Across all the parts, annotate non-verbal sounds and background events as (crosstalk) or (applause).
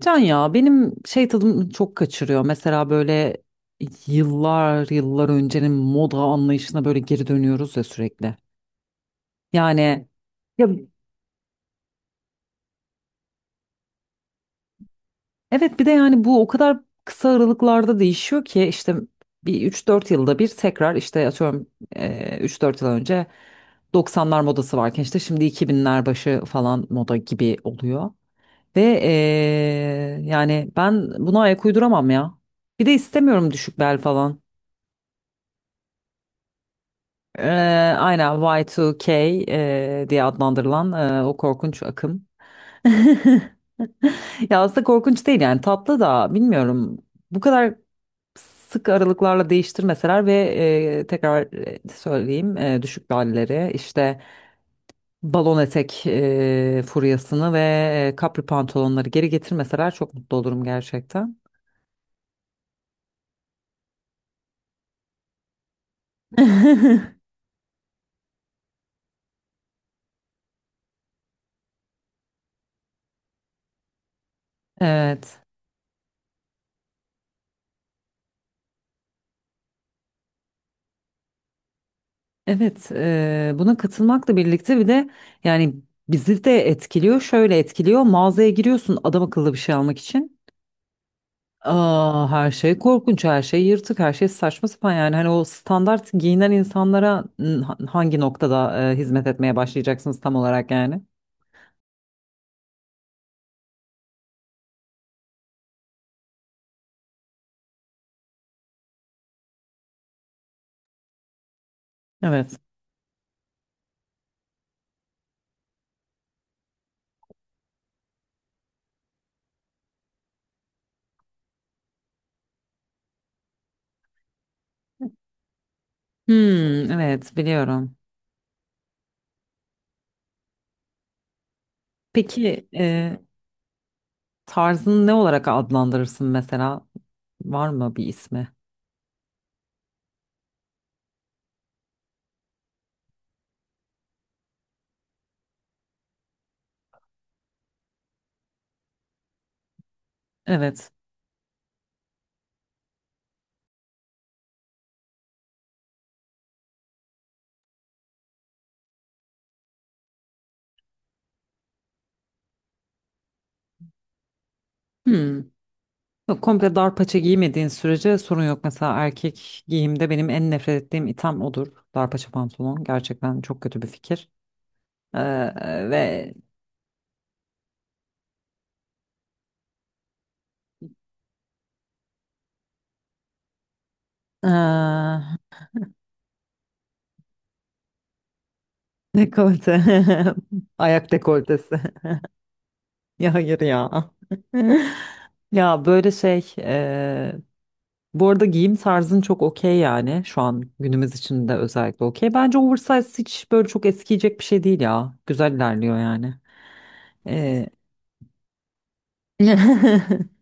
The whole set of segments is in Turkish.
Can ya benim şey tadımı çok kaçırıyor. Mesela böyle yıllar yıllar öncenin moda anlayışına böyle geri dönüyoruz ya sürekli. Yani ya evet bir de yani bu o kadar kısa aralıklarda değişiyor ki işte bir üç dört yılda bir tekrar işte atıyorum 3-4 yıl önce doksanlar modası varken işte şimdi iki binler başı falan moda gibi oluyor. Ve yani ben buna ayak uyduramam ya. Bir de istemiyorum düşük bel falan. Ee, aynen Y2K diye adlandırılan o korkunç akım. (laughs) Ya aslında korkunç değil yani tatlı da bilmiyorum. Bu kadar sık aralıklarla değiştirmeseler ve tekrar söyleyeyim düşük bellileri işte balon etek furyasını ve kapri pantolonları geri getirmeseler çok mutlu olurum gerçekten. (laughs) Evet. Evet, buna katılmakla birlikte bir de yani bizi de etkiliyor. Şöyle etkiliyor. Mağazaya giriyorsun adam akıllı bir şey almak için. Aa, her şey korkunç, her şey yırtık, her şey saçma sapan yani hani o standart giyinen insanlara hangi noktada hizmet etmeye başlayacaksınız tam olarak yani? Evet. Hmm, evet biliyorum. Peki tarzını ne olarak adlandırırsın mesela? Var mı bir ismi? Evet. Hmm. Yok, komple dar paça giymediğin sürece sorun yok. Mesela erkek giyimde benim en nefret ettiğim item odur. Dar paça pantolon. Gerçekten çok kötü bir fikir. Ve ee, dekolte. (laughs) Ayak dekoltesi. (laughs) Ya hayır ya. (laughs) Ya böyle şey. Bu arada giyim tarzın çok okey yani. Şu an günümüz için de özellikle okey. Bence oversize hiç böyle çok eskiyecek bir şey değil ya. Güzel ilerliyor yani. Ee, (laughs)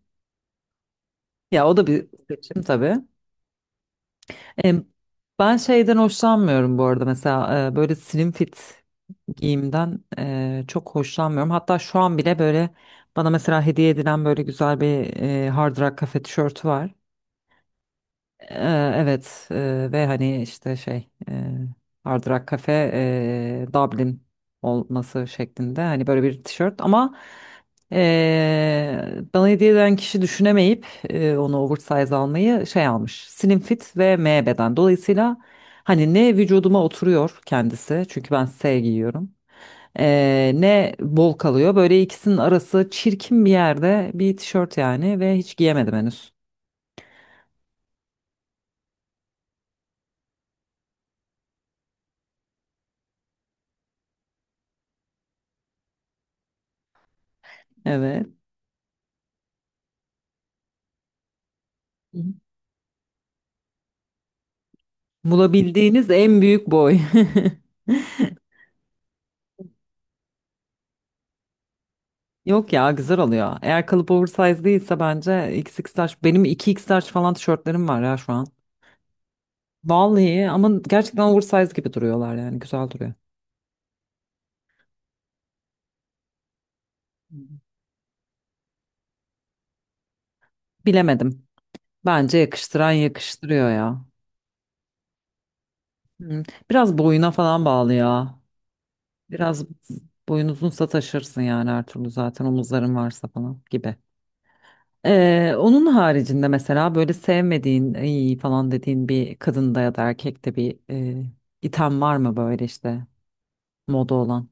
Ya o da bir seçim tabii. E, ben şeyden hoşlanmıyorum bu arada mesela böyle slim fit giyimden çok hoşlanmıyorum. Hatta şu an bile böyle bana mesela hediye edilen böyle güzel bir Hard Rock Cafe tişörtü var. Ee, evet ve hani işte şey Hard Rock Cafe Dublin olması şeklinde hani böyle bir tişört ama bana hediye eden kişi düşünemeyip onu oversize almayı şey almış slim fit ve M beden dolayısıyla hani ne vücuduma oturuyor kendisi çünkü ben S giyiyorum. Ne bol kalıyor böyle ikisinin arası çirkin bir yerde bir tişört yani ve hiç giyemedim henüz. Evet. Bulabildiğiniz en büyük boy. (laughs) Yok ya güzel oluyor. Eğer kalıp oversize değilse bence XX large. Benim iki x large falan tişörtlerim var ya şu an. Vallahi ama gerçekten oversize gibi duruyorlar yani güzel duruyor. Bilemedim. Bence yakıştıran yakıştırıyor ya. Hı. Biraz boyuna falan bağlı ya. Biraz boyun uzunsa taşırsın yani her türlü zaten omuzların varsa falan gibi. Onun haricinde mesela böyle sevmediğin "Ay" falan dediğin bir kadında ya da erkekte bir item var mı böyle işte moda olan?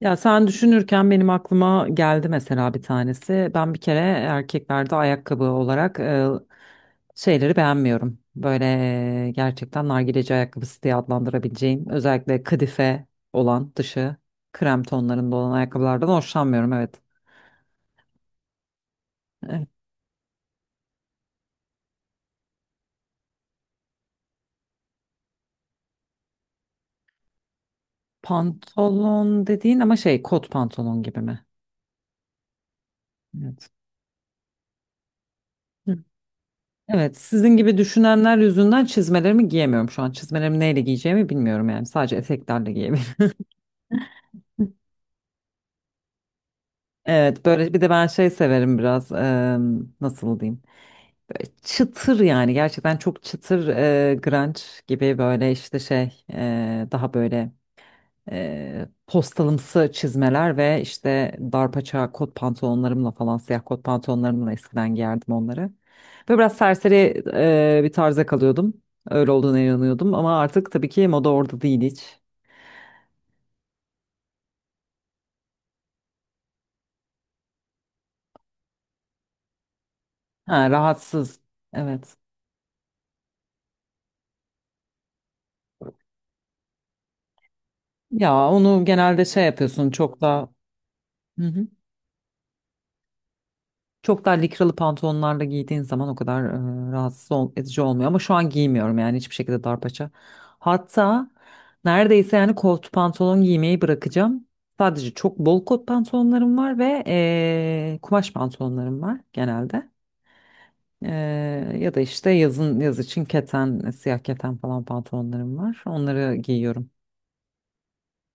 Ya sen düşünürken benim aklıma geldi mesela bir tanesi. Ben bir kere erkeklerde ayakkabı olarak şeyleri beğenmiyorum. Böyle gerçekten nargileci ayakkabısı diye adlandırabileceğim özellikle kadife olan dışı krem tonlarında olan ayakkabılardan hoşlanmıyorum, evet. Pantolon dediğin ama şey kot pantolon gibi mi? Evet. Hı. Evet, sizin gibi düşünenler yüzünden çizmelerimi giyemiyorum şu an. Çizmelerimi neyle giyeceğimi bilmiyorum yani. Sadece eteklerle giyebilirim. (laughs) Evet, böyle bir de ben şey severim biraz. Nasıl diyeyim? Böyle çıtır yani gerçekten çok çıtır grunge gibi böyle işte şey daha böyle postalımsı çizmeler ve işte darpaça kot pantolonlarımla falan siyah kot pantolonlarımla eskiden giyerdim onları. Böyle biraz serseri bir tarza kalıyordum. Öyle olduğuna inanıyordum ama artık tabii ki moda orada değil hiç. Ha, rahatsız. Evet. Ya onu genelde şey yapıyorsun çok da. Hı hı. Çok daha likralı pantolonlarla giydiğin zaman o kadar rahatsız edici olmuyor. Ama şu an giymiyorum yani hiçbir şekilde darpaça. Hatta neredeyse yani kot pantolon giymeyi bırakacağım. Sadece çok bol kot pantolonlarım var ve kumaş pantolonlarım var genelde. E, ya da işte yazın yaz için keten, siyah keten falan pantolonlarım var. Onları giyiyorum.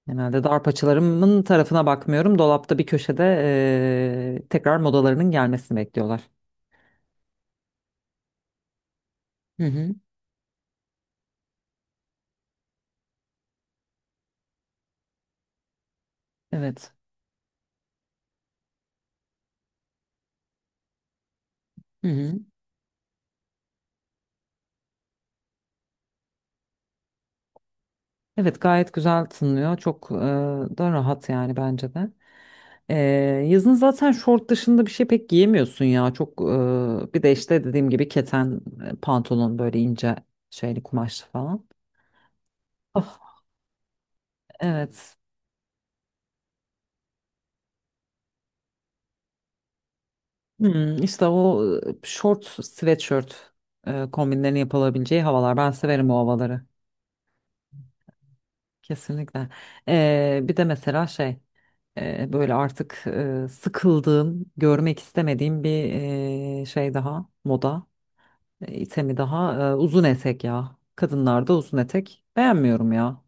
Genelde darpaçalarımın tarafına bakmıyorum. Dolapta bir köşede tekrar modalarının gelmesini bekliyorlar. Hı hı. Evet. Hı hı. Evet, gayet güzel tınlıyor. Çok da rahat yani bence de. E, yazın zaten şort dışında bir şey pek giyemiyorsun ya. Çok bir de işte dediğim gibi keten pantolon böyle ince şeyli kumaşlı falan. Ah, evet. Hmm, işte o şort sweatshirt kombinlerini yapılabileceği havalar. Ben severim o havaları. Kesinlikle. Bir de mesela şey. Böyle artık sıkıldığım, görmek istemediğim bir şey daha, moda itemi daha uzun etek ya. Kadınlarda uzun etek beğenmiyorum ya.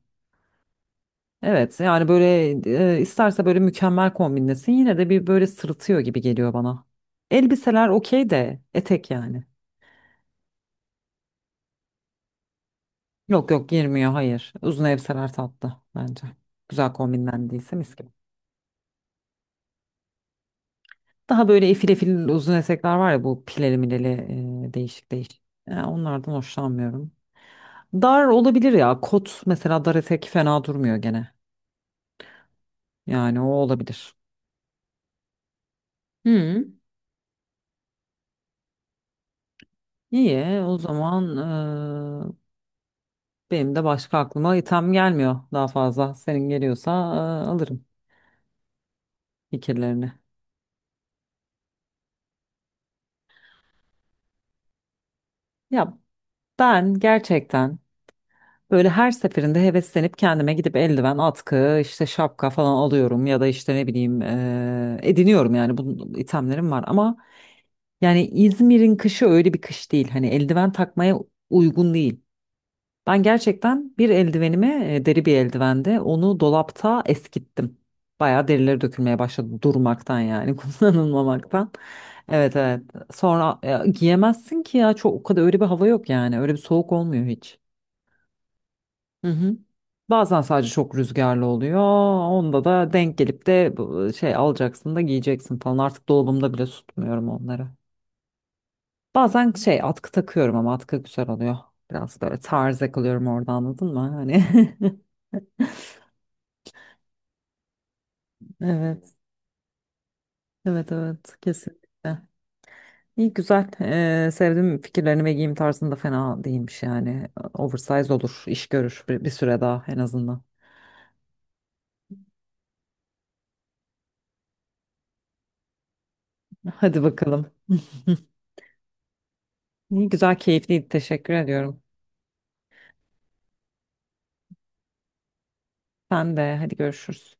Evet yani böyle isterse böyle mükemmel kombinlesin yine de bir böyle sırıtıyor gibi geliyor bana. Elbiseler okey de etek yani. Yok yok, girmiyor, hayır. Uzun elbiseler tatlı bence. Güzel kombinlendiyse mis gibi. Daha böyle efil efil uzun etekler var ya, bu pileli mileli değişik değişik. Yani onlardan hoşlanmıyorum. Dar olabilir ya. Kot mesela, dar etek fena durmuyor gene. Yani o olabilir. Hı. İyi, o zaman benim de başka aklıma item gelmiyor daha fazla. Senin geliyorsa alırım fikirlerini. Ya ben gerçekten böyle her seferinde heveslenip kendime gidip eldiven, atkı, işte şapka falan alıyorum ya da işte ne bileyim ediniyorum yani, bu itemlerim var ama yani İzmir'in kışı öyle bir kış değil. Hani eldiven takmaya uygun değil. Ben gerçekten bir eldivenimi deri bir eldivende onu dolapta eskittim. Bayağı derileri dökülmeye başladı durmaktan yani (laughs) kullanılmamaktan. Evet evet. Sonra giyemezsin ki ya, çok o kadar öyle bir hava yok yani. Öyle bir soğuk olmuyor hiç. Hı hı. Bazen sadece çok rüzgarlı oluyor. Onda da denk gelip de şey alacaksın da giyeceksin falan. Artık dolabımda bile tutmuyorum onları. Bazen şey atkı takıyorum ama atkı güzel oluyor. Biraz böyle tarz yakalıyorum orada, anladın mı? Hani (laughs) evet evet evet, kesinlikle. İyi güzel. Sevdim fikirlerini ve giyim tarzında fena değilmiş yani. Oversize olur, iş görür bir süre daha en azından. Hadi bakalım. İyi güzel, keyifliydi. Teşekkür ediyorum. Sen de hadi, görüşürüz.